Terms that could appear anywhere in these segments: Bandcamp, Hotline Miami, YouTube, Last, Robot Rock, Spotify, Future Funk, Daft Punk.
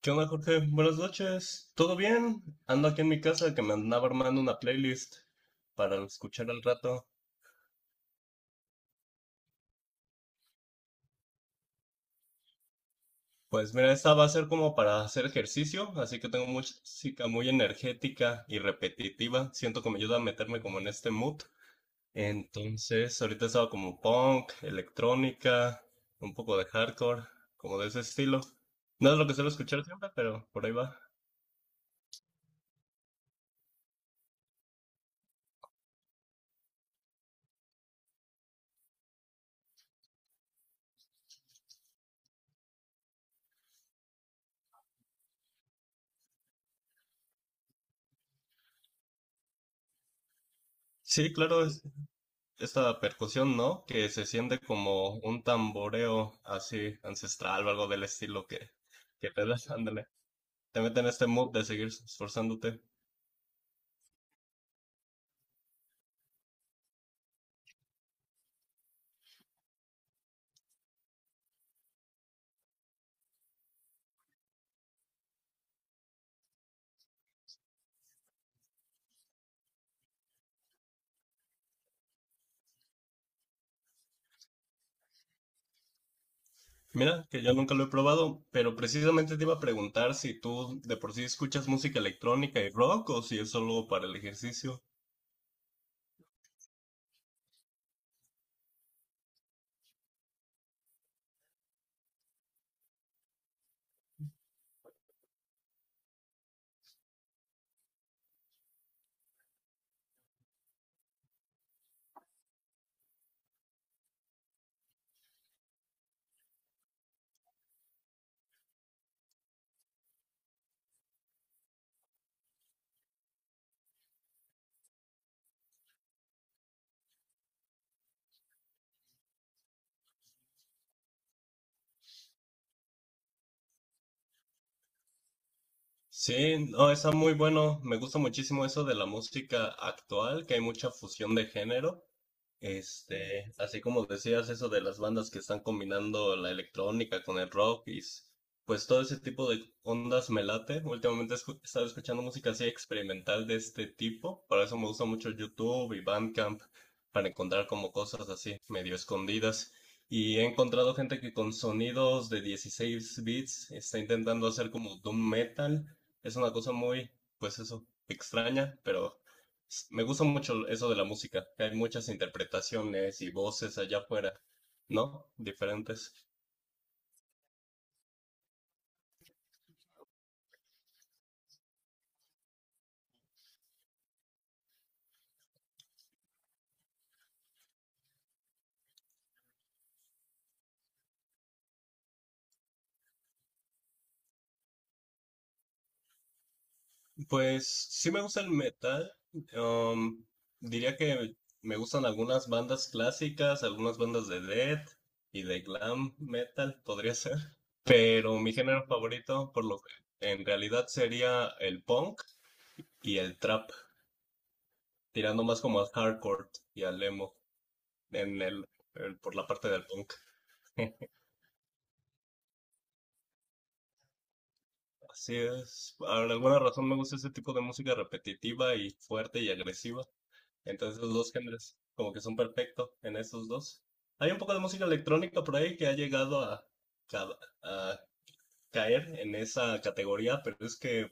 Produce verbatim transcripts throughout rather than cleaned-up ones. ¿Qué onda, Jorge? Buenas noches. ¿Todo bien? Ando aquí en mi casa que me andaba armando una playlist para escuchar al rato. Pues mira, esta va a ser como para hacer ejercicio, así que tengo música muy energética y repetitiva. Siento que me ayuda a meterme como en este mood. Entonces, ahorita estaba como punk, electrónica, un poco de hardcore, como de ese estilo. No es lo que suelo escuchar siempre, pero por ahí va. Sí, claro, esta percusión, ¿no? Que se siente como un tamboreo así ancestral o algo del estilo que, que te das, ándale. Te mete en este mood de seguir esforzándote. Mira, que yo nunca lo he probado, pero precisamente te iba a preguntar si tú de por sí escuchas música electrónica y rock o si es solo para el ejercicio. Sí, no, está muy bueno. Me gusta muchísimo eso de la música actual, que hay mucha fusión de género. Este, así como decías eso de las bandas que están combinando la electrónica con el rock y s- pues todo ese tipo de ondas me late. Últimamente escu- he estado escuchando música así experimental de este tipo. Por eso me gusta mucho YouTube y Bandcamp para encontrar como cosas así medio escondidas. Y he encontrado gente que con sonidos de dieciséis bits está intentando hacer como doom metal. Es una cosa muy, pues eso, extraña, pero s- me gusta mucho eso de la música, que hay muchas interpretaciones y voces allá afuera, ¿no? Diferentes. Pues sí me gusta el metal. um, Diría que me gustan algunas bandas clásicas, algunas bandas de death y de glam metal, podría ser. Pero mi género favorito, por lo que en realidad sería el punk y el trap, tirando más como al hardcore y al emo. en el, el- por la parte del punk. Así es. Por alguna razón me gusta ese tipo de música repetitiva y fuerte y agresiva. Entonces los dos géneros como que son perfectos en esos dos. Hay un poco de música electrónica por ahí que ha llegado a, ca- a caer en esa categoría, pero es que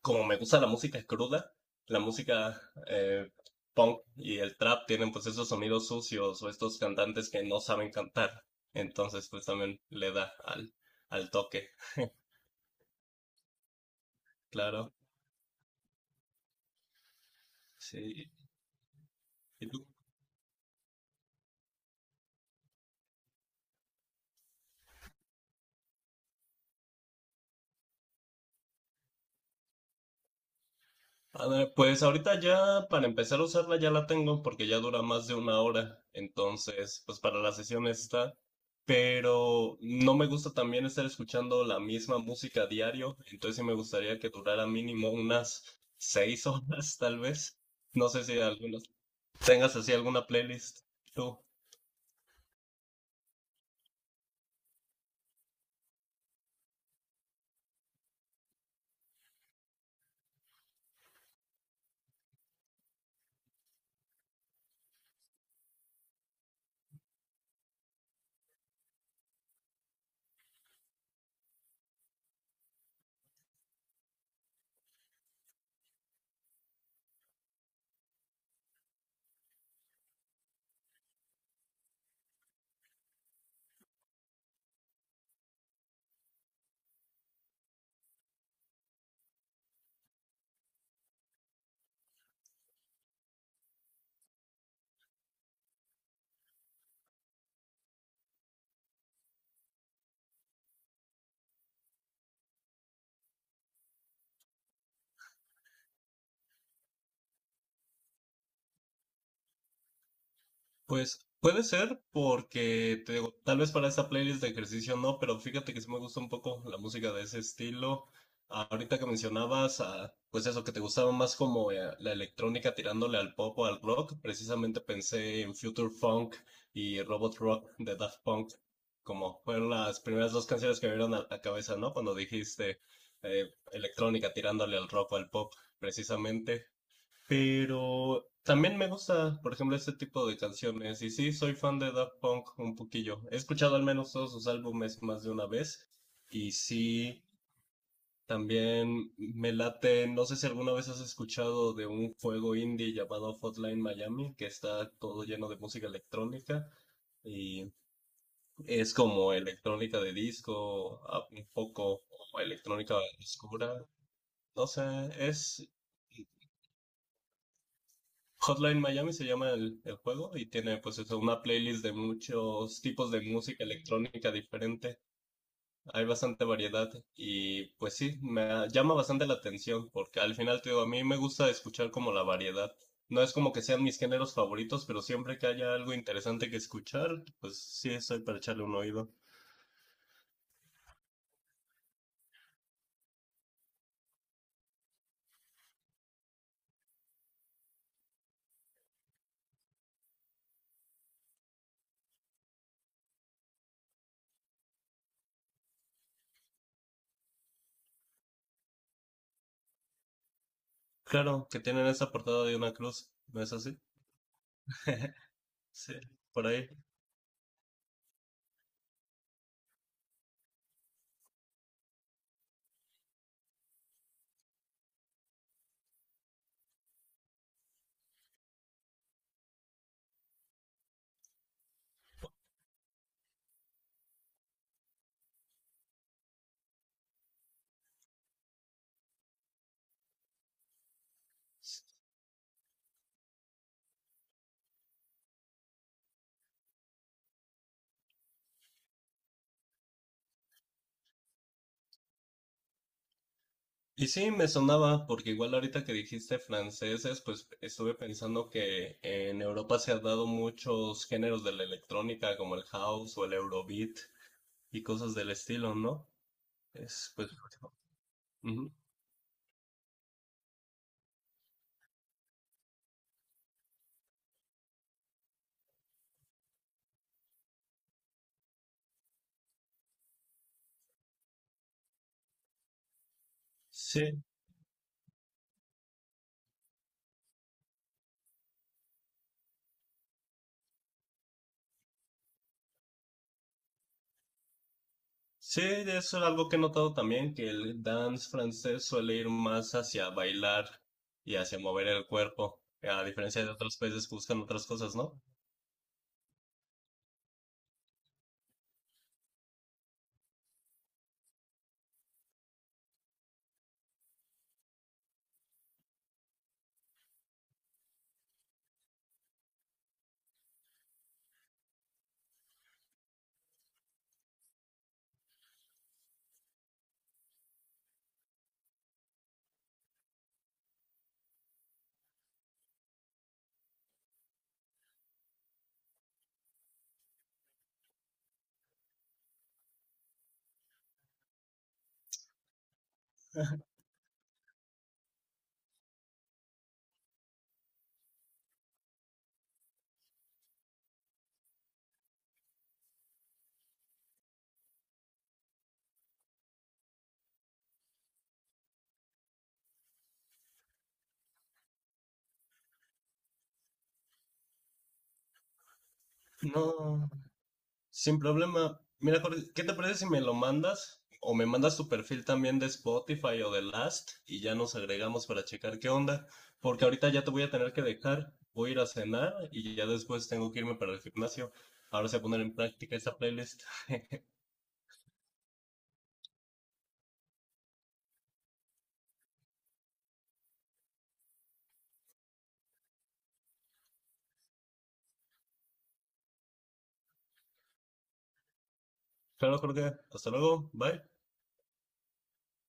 como me gusta la música cruda, la música eh, punk y el trap tienen pues esos sonidos sucios o estos cantantes que no saben cantar. Entonces pues también le da al, al toque, claro. Sí. ¿Y tú? A ver, pues ahorita ya para empezar a usarla ya la tengo porque ya dura más de una hora, entonces pues para la sesión está, pero no me gusta también estar escuchando la misma música diario, entonces sí me gustaría que durara mínimo unas seis horas tal vez. No sé si algunos tengas así alguna playlist tú. Pues puede ser porque te digo, tal vez para esta playlist de ejercicio no, pero fíjate que sí me gusta un poco la música de ese estilo. Ahorita que mencionabas, ah, pues eso que te gustaba más como eh, la electrónica tirándole al pop o al rock, precisamente pensé en Future Funk y Robot Rock de Daft Punk, como fueron las primeras dos canciones que me vieron a la cabeza, ¿no? Cuando dijiste eh, electrónica tirándole al rock o al pop, precisamente. Pero también me gusta, por ejemplo, este tipo de canciones. Y sí, soy fan de Daft Punk un poquillo. He escuchado al menos todos sus álbumes más de una vez. Y sí, también me late. No sé si alguna vez has escuchado de un juego indie llamado Hotline Miami, que está todo lleno de música electrónica. Y es como electrónica de disco, a- un poco como electrónica oscura. No sé, es. Hotline Miami se llama el, el juego y tiene pues eso, una playlist de muchos tipos de música electrónica diferente. Hay bastante variedad y pues sí, me ha- llama bastante la atención porque al final te digo, a mí me gusta escuchar como la variedad. No es como que sean mis géneros favoritos, pero siempre que haya algo interesante que escuchar, pues sí, estoy para echarle un oído. Claro, que tienen esa portada de una cruz, ¿no es así? Sí, por ahí. Y sí, me sonaba, porque igual ahorita que dijiste franceses, pues estuve pensando que en Europa se han dado muchos géneros de la electrónica, como el house o el eurobeat y cosas del estilo, ¿no? Es, pues, ujú. Sí, sí, eso es algo que he notado también, que el dance francés suele ir más hacia bailar y hacia mover el cuerpo, a diferencia de otros países que buscan otras cosas, ¿no? No, sin problema. Mira, Jorge, ¿qué te parece si me lo mandas? O me mandas tu perfil también de Spotify o de Last y ya nos agregamos para checar qué onda. Porque ahorita ya te voy a tener que dejar. Voy a ir a cenar y ya después tengo que irme para el gimnasio. Ahora se a poner en práctica esta playlist. Claro, Jorge. Hasta luego. Bye.